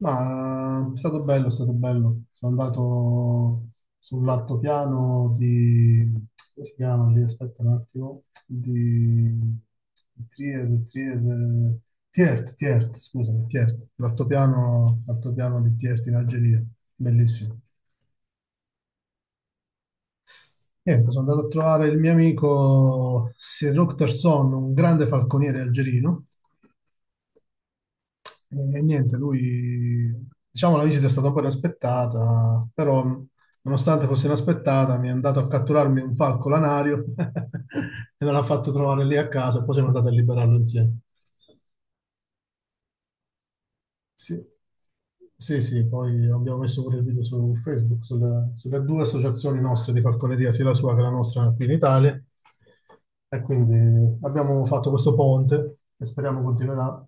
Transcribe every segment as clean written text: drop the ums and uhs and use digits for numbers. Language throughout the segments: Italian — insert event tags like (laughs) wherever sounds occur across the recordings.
Ma è stato bello, è stato bello. Sono andato sull'altopiano di, come si chiama lì? Aspetta un attimo. Di Tiert, Tiert, scusami, Tiert. L'altopiano di Tiert in Algeria. Bellissimo. Niente, sono andato a trovare il mio amico Serok Terson, un grande falconiere algerino. E niente, lui, diciamo, la visita è stata poi aspettata, però nonostante fosse inaspettata, mi è andato a catturarmi un falco lanario (laughs) e me l'ha fatto trovare lì a casa e poi siamo andati a liberarlo insieme. Sì, sì, sì, poi abbiamo messo pure il video su Facebook, sulle due associazioni nostre di falconeria, sia la sua che la nostra qui in Italia. E quindi abbiamo fatto questo ponte che speriamo continuerà.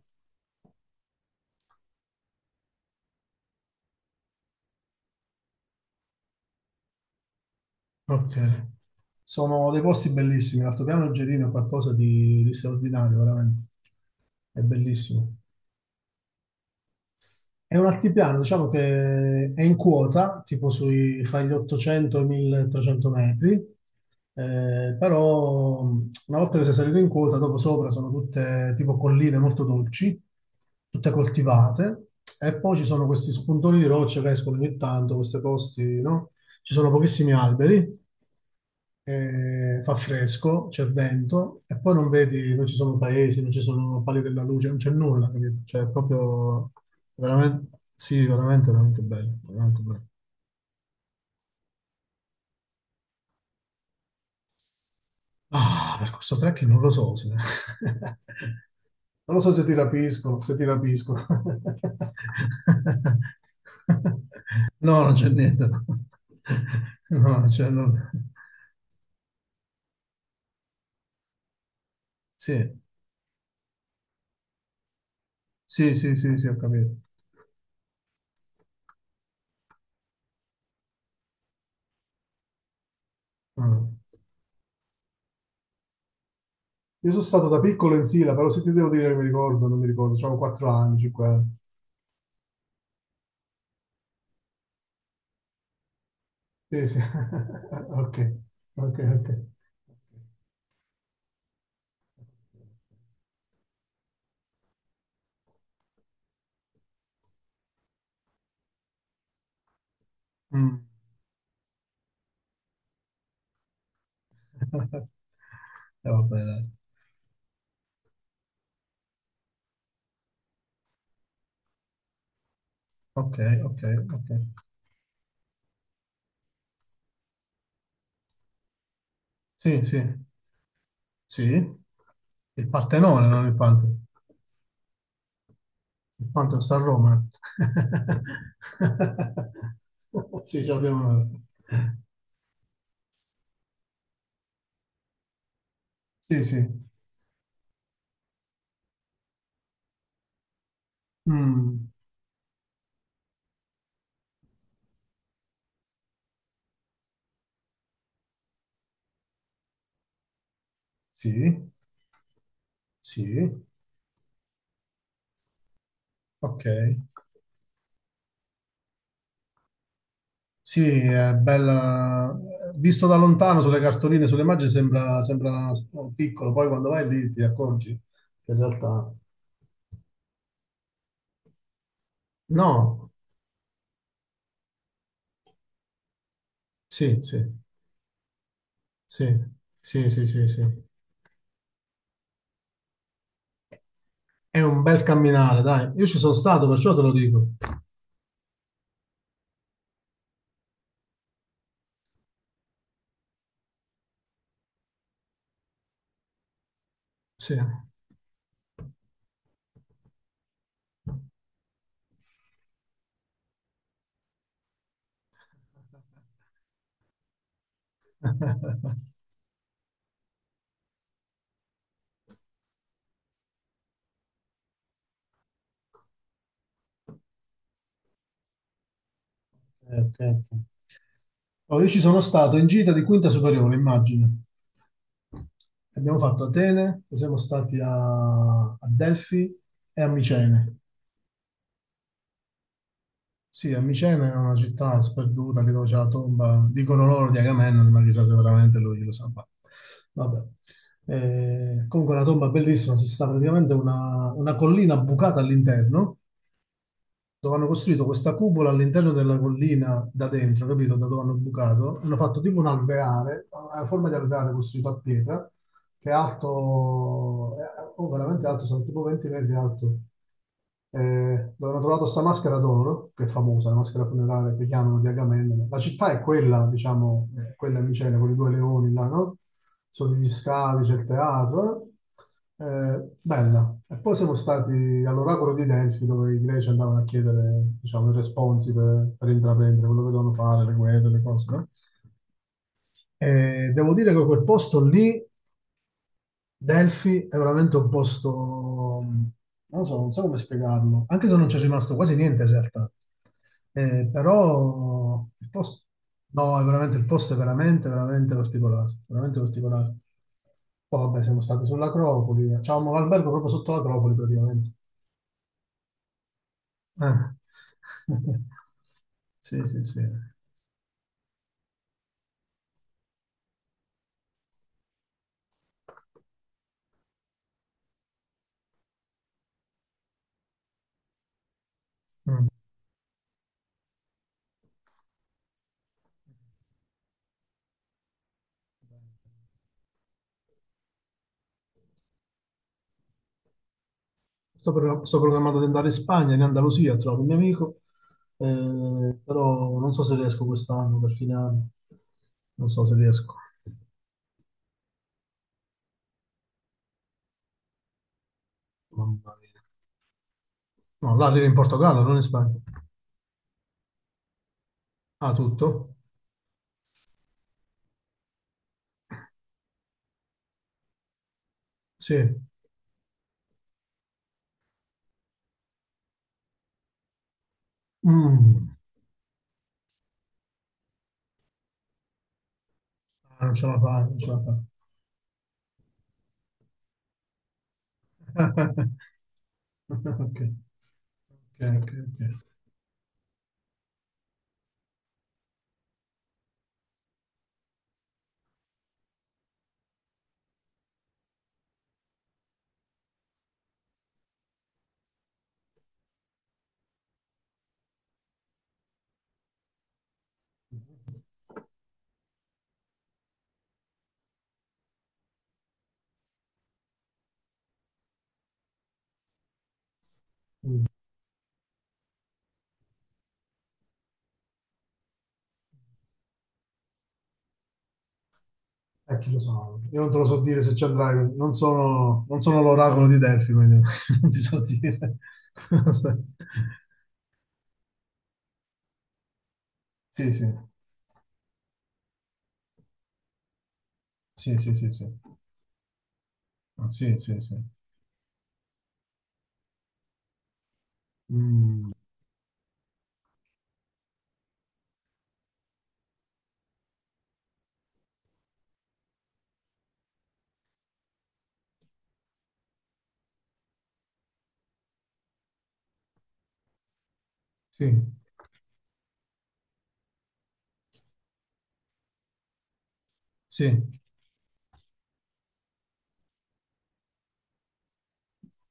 Ok. Sono dei posti bellissimi. L'altopiano Gerino è qualcosa di straordinario, veramente. È bellissimo. È un altipiano, diciamo che è in quota, tipo sui, fra gli 800 e i 1300 metri, però una volta che sei salito in quota, dopo sopra sono tutte tipo colline molto dolci, tutte coltivate, e poi ci sono questi spuntoni di roccia che escono ogni tanto, questi posti, no? Ci sono pochissimi alberi, fa fresco, c'è vento e poi non vedi, non ci sono paesi, non ci sono pali della luce, non c'è nulla, capito? Cioè, è proprio veramente, sì, veramente, veramente bello, veramente bello. Ah, per questo trekking non lo so se. (laughs) Non lo so se ti rapisco, se ti rapisco. (laughs) No, non c'è niente. (laughs) No. non c'è... non- Sì, sì, sì, sì, sì, ho capito. Mm. Io sono stato da piccolo in Sila, però se ti devo dire che mi ricordo, non mi ricordo, avevo 4 anni, 5 anni. Sì, sì. (laughs) Ok, ok, ok. Mm. (laughs) Vabbè, dai. Ok, ok, ok. Sì, sì, sì. Il Partenone, non il Pantheon. Il Pantheon sta a Roma. (laughs) Sì, ci abbiamo. Sì, sì. Mm, sì, sì. Ok. Sì, è bella. Visto da lontano sulle cartoline, sulle immagini sembra piccolo, poi quando vai lì ti accorgi che in realtà. No, sì, sì, sì, sì, sì, sì, sì. È un bel camminare, dai. Io ci sono stato, perciò te lo dico. Sì. (laughs) Ok, ok. Oh, io ci sono stato in gita di quinta superiore, immagino. Abbiamo fatto Atene, poi siamo stati a, a Delfi e a Micene. Sì, a Micena è una città sperduta, lì dove c'è la tomba, dicono loro di Agamennone, ma chissà se veramente lui lo sa. Vabbè. Comunque la tomba è bellissima, ci sta praticamente una collina bucata all'interno, dove hanno costruito questa cupola all'interno della collina da dentro, capito? Da dove hanno bucato. Hanno fatto tipo un alveare, una forma di alveare costruito a pietra, che è alto, oh, veramente alto, sono tipo 20 metri alto. Eh, dove hanno trovato sta maschera d'oro, no? Che è famosa, la maschera funeraria che chiamano di Agamennone. La città è quella, diciamo, quella in Micene, con i due leoni là, no? Sono gli scavi, c'è il teatro. Bella. E poi siamo stati all'oracolo di Delfi, dove i greci andavano a chiedere, diciamo, i responsi per intraprendere quello che dovevano fare, le guerre, le cose, no? E devo dire che quel posto lì Delphi è veramente un posto, non lo so, non so come spiegarlo, anche se non ci è rimasto quasi niente in realtà. Però il posto, no, è veramente, il posto è veramente, veramente particolare, veramente particolare. Poi vabbè, siamo stati sull'Acropoli, avevamo l'albergo proprio sotto l'Acropoli praticamente. Eh. (laughs) Sì, sì, sì. Mm. Sto programmato di andare in Spagna, in Andalusia, ho trovato un mio amico, però non so se riesco quest'anno, per fine anno. Non so se riesco. Mamma mia. No, là arrivo in Portogallo, non in Spagna. Ah, tutto? Sì. Mm. Ah, non ce la fa, non ce la fa. (laughs) Ok, ok, ok, ok. Mm. Chi lo sa, io non te lo so dire se ci andrai, non sono l'oracolo di Delfi, quindi (laughs) non ti so dire. (laughs) Sì, sì, sì, sì, sì, sì. Ah, sì, sì, sì. Mm, sì, sì,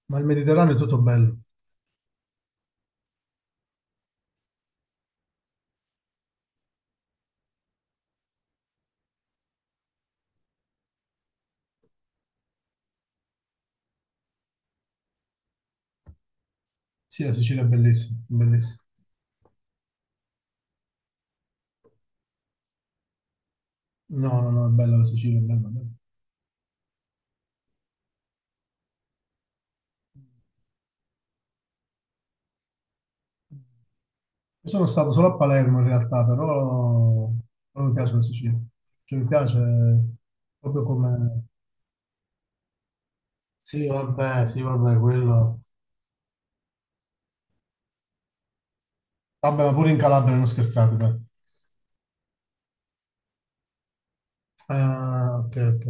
ma il Mediterraneo è tutto bello. Sì, la Sicilia è bellissima, bellissima. No, no, no, è bella la Sicilia, è bella, è bella. Io sono stato solo a Palermo in realtà, però non mi piace la Sicilia. Cioè, mi piace proprio come. Sì, vabbè, quello. Vabbè, ma pure in Calabria non scherzate, dai. Ah, ok, ok.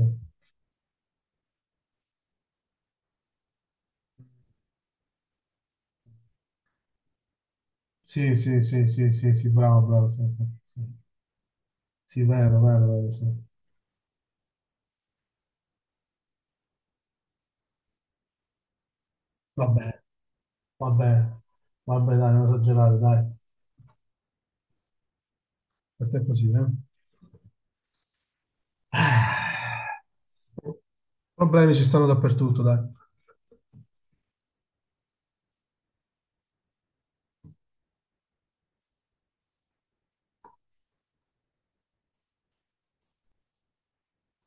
Sì, sì, sì, sì, sì, sì, bravo, bravo, sì, sì, sì. Sì, vero, vero, vero, sì. Vabbè, vabbè, vabbè, dai, non esagerare, dai. Per te è così, eh? Ah, problemi ci stanno dappertutto, dai.